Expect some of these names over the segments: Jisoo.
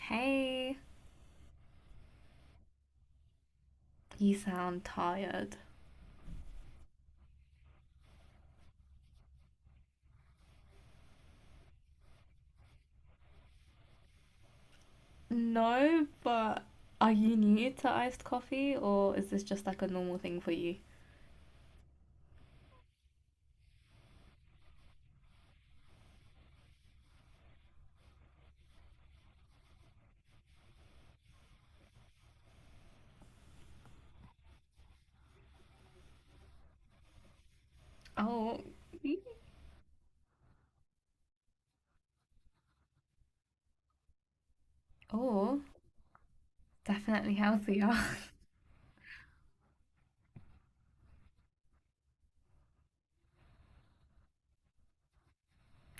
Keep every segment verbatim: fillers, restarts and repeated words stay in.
Hey, you sound tired. No, but are you new to iced coffee or is this just like a normal thing for you? Oh, oh, definitely healthier.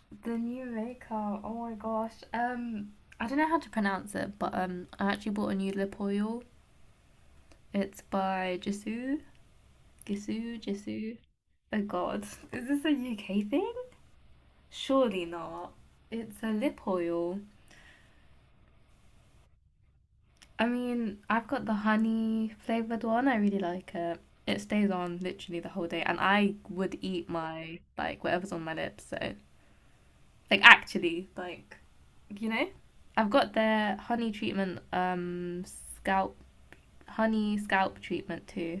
the new maker. Oh my gosh. Um, I don't know how to pronounce it, but um, I actually bought a new lip oil. It's by Jisoo, Gisoo, Jisoo. Oh God, is this a U K thing? Surely not. It's a lip oil. I mean, I've got the honey flavored one. I really like it. It stays on literally the whole day, and I would eat my like whatever's on my lips. So, like actually, like you know, I've got their honey treatment, um, scalp honey scalp treatment too.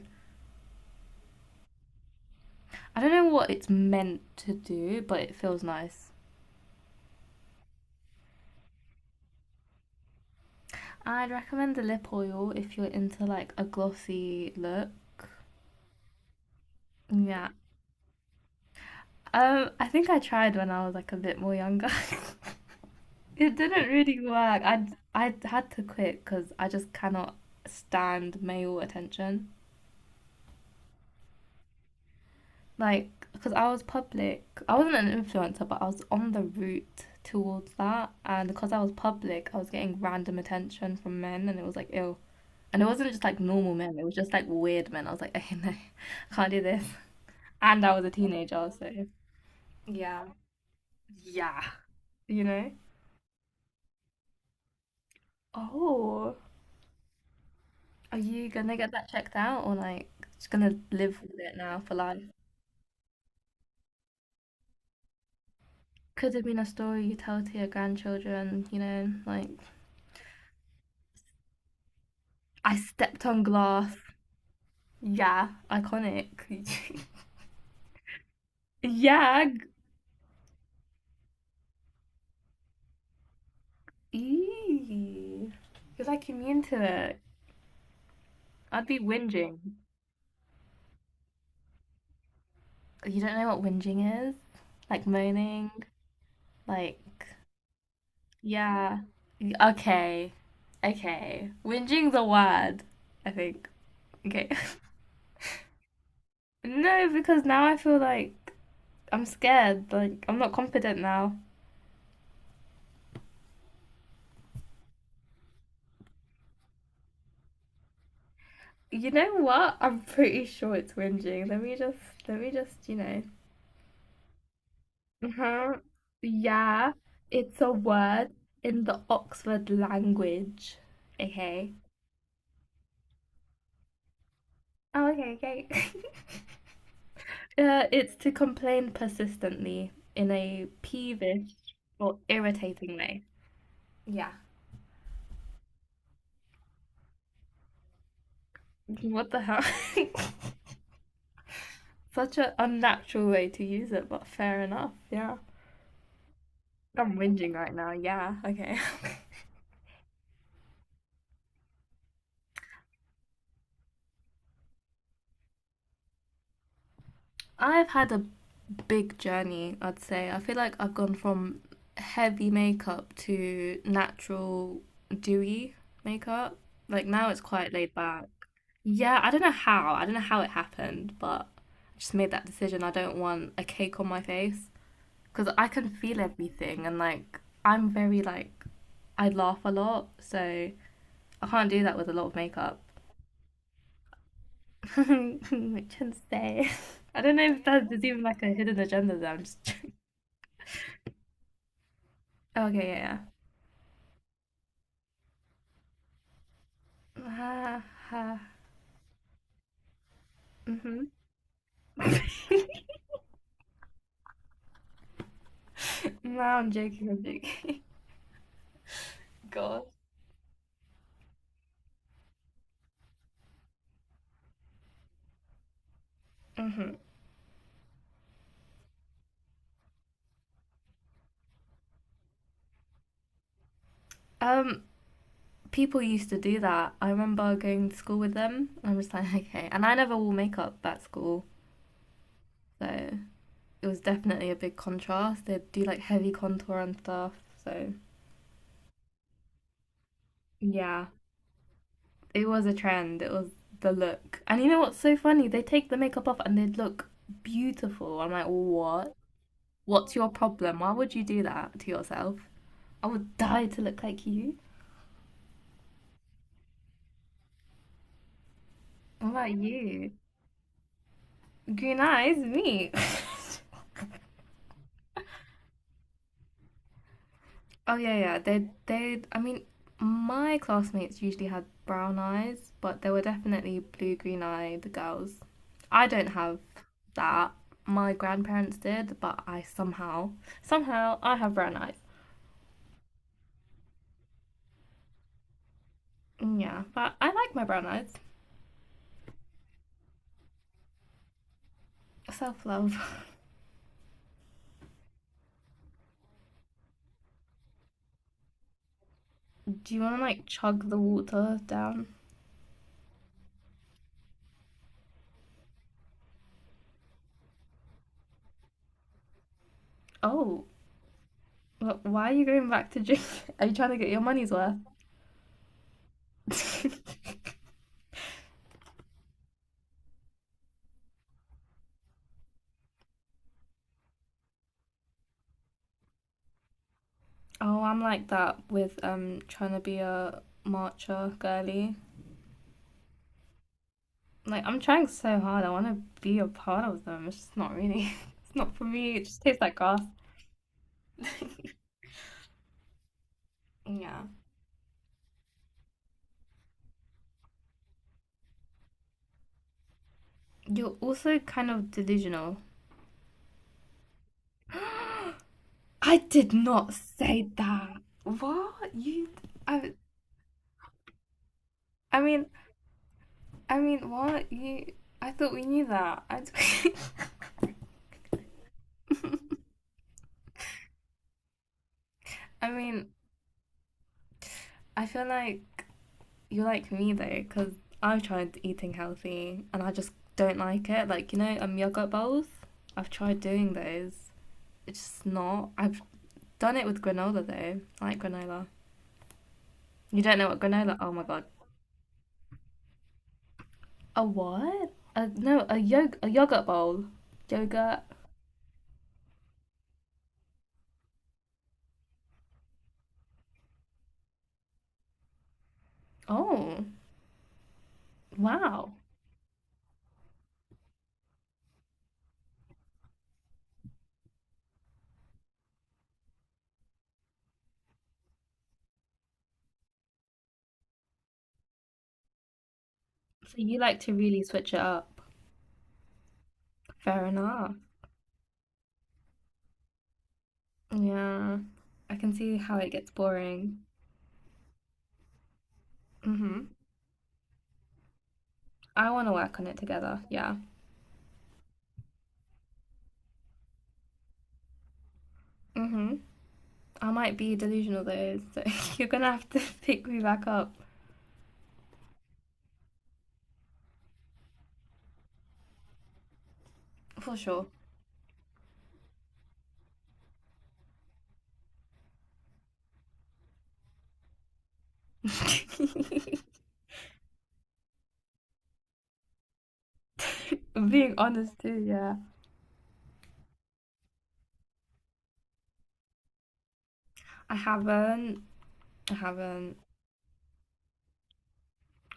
I don't know what it's meant to do, but it feels nice. I'd recommend the lip oil if you're into like a glossy look. Yeah. Um, I think I tried when I was like a bit more younger. It didn't really work. I I had to quit because I just cannot stand male attention. Like, because I was public, I wasn't an influencer, but I was on the route towards that, and because I was public, I was getting random attention from men, and it was like ill. And it wasn't just like normal men; it was just like weird men. I was like, hey, no, I can't do this. And I was a teenager, so yeah, yeah, you know. Oh, are you gonna get that checked out, or like just gonna live with it now for life? Could have been a story you tell to your grandchildren, you know, like, I stepped on glass. Yeah, iconic. yeah. Eee. You're like immune to it. I'd be whinging. You don't know what whinging is? Like moaning? Like, yeah. Okay. Okay. Whinging's a word, I think. Okay. no, because now I feel like I'm scared. Like, I'm not confident now. You know what? I'm pretty sure it's whinging. Let me just, let me just, you know. Uh-huh. Yeah, it's a word in the Oxford language. Okay. Oh, okay, okay. Uh, it's to complain persistently in a peevish or irritating way. Yeah. What the hell? Such an unnatural way to use it, but fair enough. Yeah. I'm whinging right now. Yeah. Okay. I've had a big journey, I'd say. I feel like I've gone from heavy makeup to natural, dewy makeup. Like now it's quite laid back. Yeah, I don't know how. I don't know how it happened, but I just made that decision. I don't want a cake on my face because I can feel everything and like I'm very like I laugh a lot, so I can't do that with a lot of makeup. Which can say. I don't know if that, there's even like a hidden agenda there. I'm just Okay, yeah, yeah. Ha ha. Mhm. no, I'm joking. I'm joking. God. Mhm. Um, people used to do that. I remember going to school with them. I'm just like, okay. And I never wore makeup at school, so it was definitely a big contrast. They'd do like heavy contour and stuff. So yeah, it was a trend. It was the look. And you know what's so funny? They take the makeup off and they'd look beautiful. I'm like, what? What's your problem? Why would you do that to yourself? I would die to look like you. What about you? Green eyes, me. Oh yeah, yeah. They they I mean, my classmates usually had brown eyes, but there were definitely blue green eyed girls. I don't have that. My grandparents did, but I somehow somehow I have brown eyes. Yeah, but I like my brown eyes. Self love. Do you want to like chug the water down? Oh, wh- why are you going back to drink? Are you trying to get your money's worth? oh, I'm like that with um trying to be a marcher girly. Like I'm trying so hard. I want to be a part of them. It's just not really. It's not for me. It just tastes like grass. Yeah. You're also kind of delusional. I did not say that. What you? I. I mean. I mean. What you? I thought we knew that. I. I mean. I feel like You're like me though, because I've tried eating healthy and I just don't like it. Like, you know, um, yogurt bowls, I've tried doing those. It's just not. I've done it with granola though. I like granola. You don't know what granola? Oh my god. A what? A, no, a yog a yogurt bowl. Yogurt. Oh, wow. So you like to really switch it up. Fair enough. Yeah. I can see how it gets boring. Mm-hmm. I want to work on it together. Yeah. Mm-hmm. I might be delusional though, so you're gonna have to pick me back up for sure. I'm being honest too, yeah. I haven't. I haven't.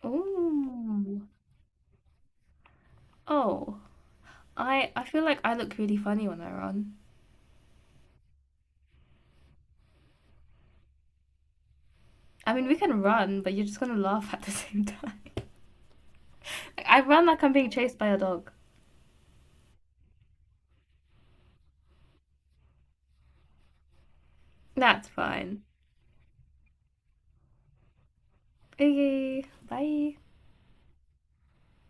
Oh. Oh. I I feel like I look really funny when I run. I mean, we can run, but you're just gonna laugh at the same time. I run like I'm being chased by a dog. That's fine. Okay. Bye.